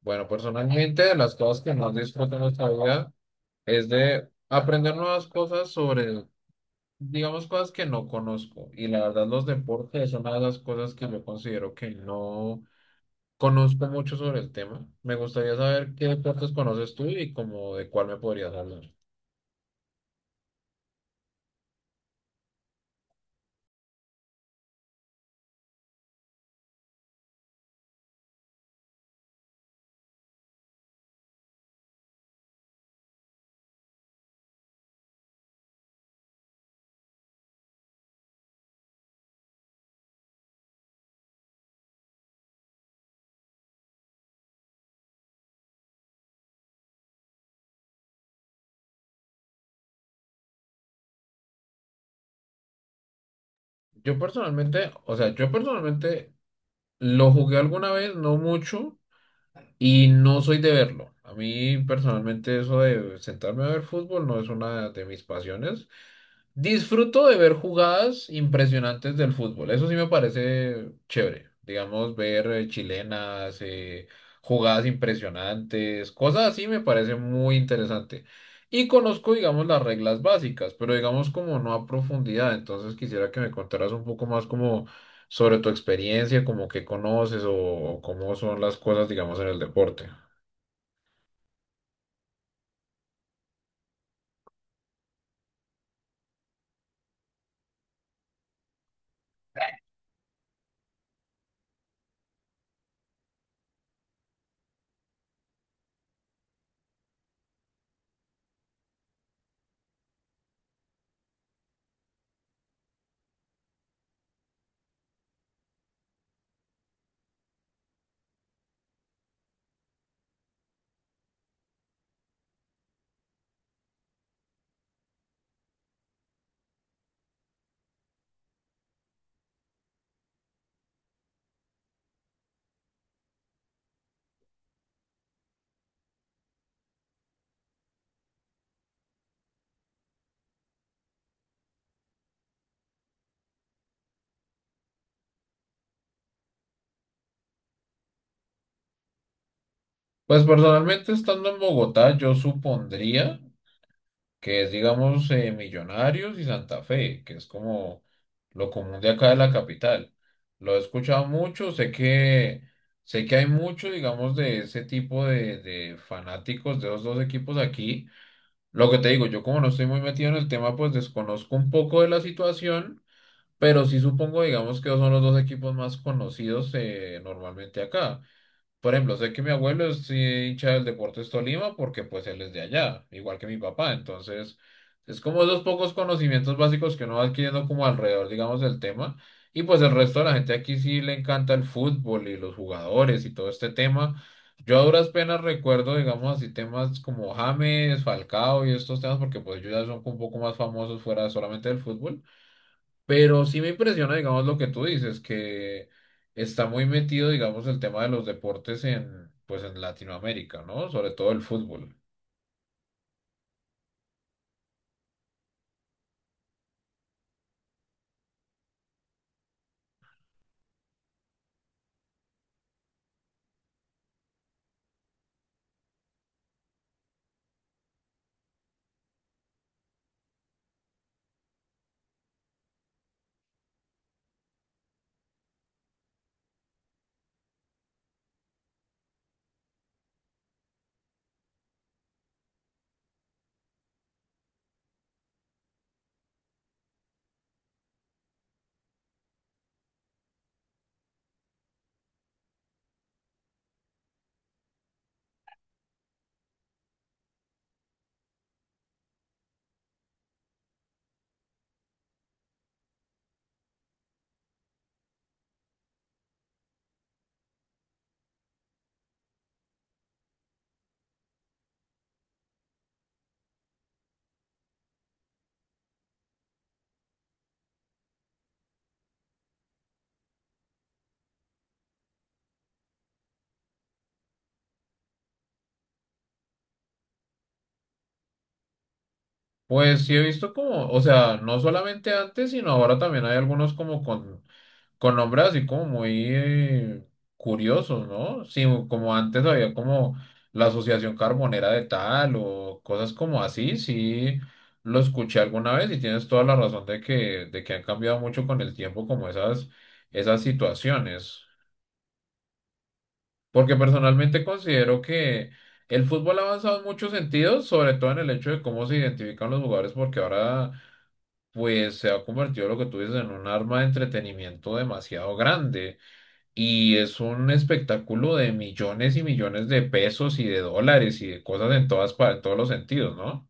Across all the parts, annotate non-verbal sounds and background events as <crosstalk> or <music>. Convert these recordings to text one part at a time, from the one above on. Bueno, personalmente, de las cosas que más disfruto en nuestra vida es de aprender nuevas cosas sobre, digamos, cosas que no conozco. Y la verdad, los deportes son una de las cosas que yo considero que no conozco mucho sobre el tema. Me gustaría saber qué deportes conoces tú y como de cuál me podrías hablar. Yo personalmente, o sea, yo personalmente lo jugué alguna vez, no mucho, y no soy de verlo. A mí personalmente eso de sentarme a ver fútbol no es una de mis pasiones. Disfruto de ver jugadas impresionantes del fútbol. Eso sí me parece chévere. Digamos, ver chilenas, jugadas impresionantes, cosas así me parece muy interesante. Y conozco, digamos, las reglas básicas, pero digamos como no a profundidad. Entonces quisiera que me contaras un poco más como sobre tu experiencia, como qué conoces o cómo son las cosas, digamos, en el deporte. Pues personalmente estando en Bogotá, yo supondría que es, digamos, Millonarios y Santa Fe, que es como lo común de acá de la capital. Lo he escuchado mucho, sé que hay mucho, digamos, de ese tipo de fanáticos de los dos equipos aquí. Lo que te digo, yo como no estoy muy metido en el tema, pues desconozco un poco de la situación, pero sí supongo, digamos, que son los dos equipos más conocidos normalmente acá. Por ejemplo, sé que mi abuelo es hincha del Deportes Tolima porque pues él es de allá, igual que mi papá. Entonces, es como esos pocos conocimientos básicos que uno va adquiriendo como alrededor, digamos, del tema. Y pues el resto de la gente aquí sí le encanta el fútbol y los jugadores y todo este tema. Yo a duras penas recuerdo, digamos así, temas como James, Falcao y estos temas porque pues ellos ya son un poco más famosos fuera solamente del fútbol. Pero sí me impresiona, digamos, lo que tú dices, que está muy metido, digamos, el tema de los deportes en, pues, en Latinoamérica, ¿no? Sobre todo el fútbol. Pues sí he visto como, o sea, no solamente antes, sino ahora también hay algunos como con nombres así como muy curiosos, ¿no? Sí, como antes había como la Asociación Carbonera de tal o cosas como así, sí lo escuché alguna vez y tienes toda la razón de de que han cambiado mucho con el tiempo como esas situaciones. Porque personalmente considero que el fútbol ha avanzado en muchos sentidos, sobre todo en el hecho de cómo se identifican los jugadores, porque ahora pues se ha convertido lo que tú dices en un arma de entretenimiento demasiado grande y es un espectáculo de millones y millones de pesos y de dólares y de cosas en todas en todos los sentidos, ¿no?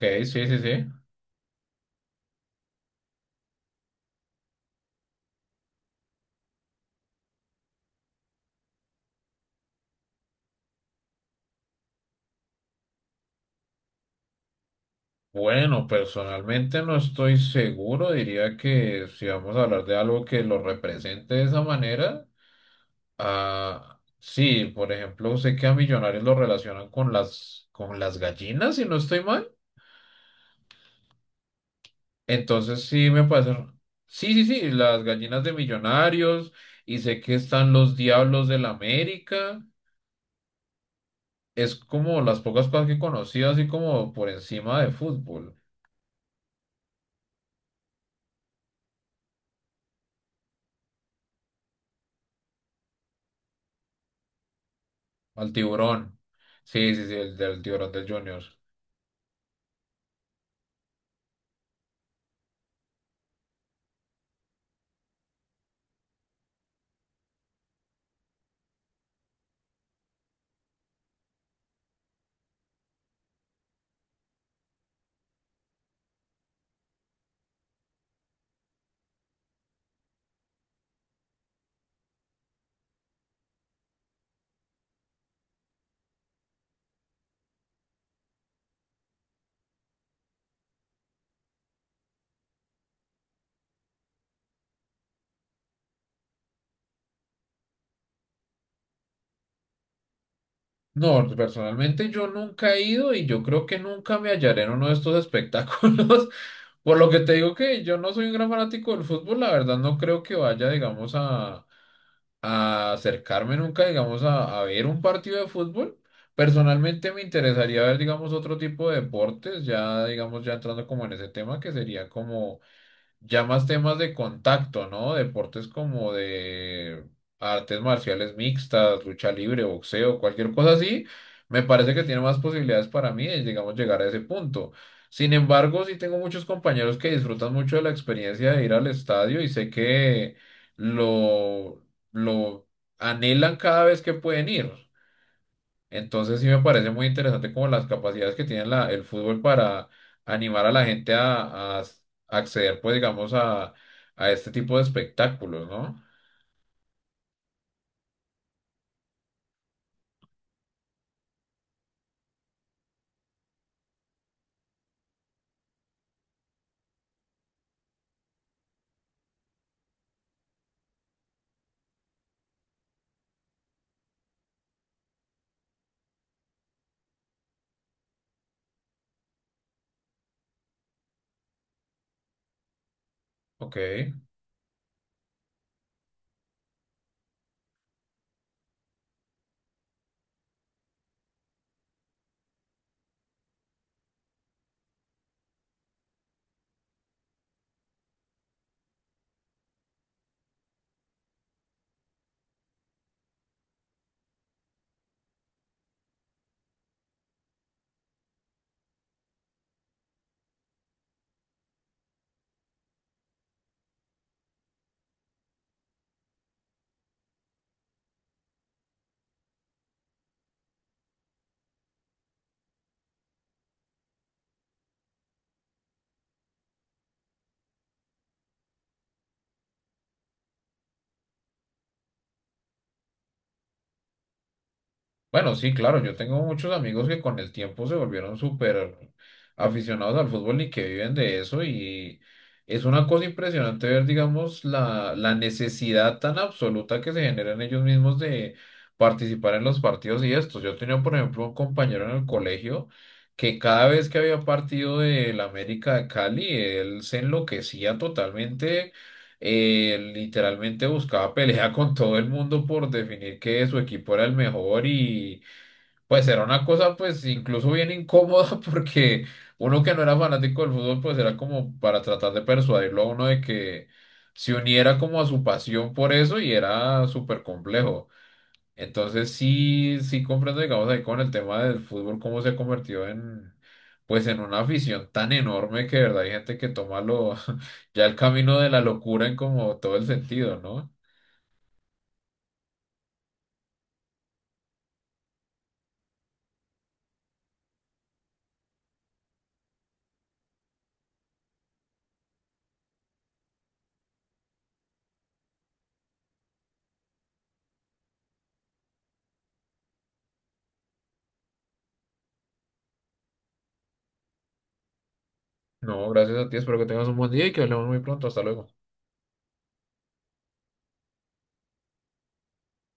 Ok, sí, sí, sí. Bueno, personalmente no estoy seguro, diría que si vamos a hablar de algo que lo represente de esa manera, ah, sí, por ejemplo, sé que a Millonarios lo relacionan con las gallinas, si no estoy mal. Entonces sí me parece. Sí, sí, sí, las gallinas de Millonarios y sé que están los Diablos del América. Es como las pocas cosas que conocí así como por encima de fútbol. Al tiburón. Sí, sí, sí, el del tiburón del Junior. No, personalmente yo nunca he ido y yo creo que nunca me hallaré en uno de estos espectáculos. <laughs> Por lo que te digo que yo no soy un gran fanático del fútbol, la verdad no creo que vaya, digamos, a acercarme nunca, digamos, a ver un partido de fútbol. Personalmente me interesaría ver, digamos, otro tipo de deportes, ya, digamos, ya entrando como en ese tema, que sería como ya más temas de contacto, ¿no? Deportes como de artes marciales mixtas, lucha libre, boxeo, cualquier cosa así, me parece que tiene más posibilidades para mí de, digamos, llegar a ese punto. Sin embargo, sí tengo muchos compañeros que disfrutan mucho de la experiencia de ir al estadio y sé que lo, lo anhelan cada vez que pueden ir. Entonces sí me parece muy interesante como las capacidades que tiene el fútbol para animar a la gente a acceder, pues digamos, a este tipo de espectáculos, ¿no? Ok. Bueno, sí, claro, yo tengo muchos amigos que con el tiempo se volvieron súper aficionados al fútbol y que viven de eso y es una cosa impresionante ver, digamos, la necesidad tan absoluta que se genera en ellos mismos de participar en los partidos y estos. Yo tenía, por ejemplo, un compañero en el colegio que cada vez que había partido del América de Cali, él se enloquecía totalmente, literalmente buscaba <laughs> pelea con todo el mundo por definir que su equipo era el mejor y pues era una cosa pues incluso bien incómoda <laughs> porque uno que no era fanático del fútbol pues era como para tratar de persuadirlo a uno de que se uniera como a su pasión por eso y era súper complejo. Entonces sí, sí comprendo digamos ahí con el tema del fútbol cómo se ha convertido en pues en una afición tan enorme que de verdad hay gente que toma lo, <laughs> ya el camino de la locura en como todo el sentido, ¿no? No, gracias a ti, espero que tengas un buen día y que hablemos muy pronto. Hasta luego.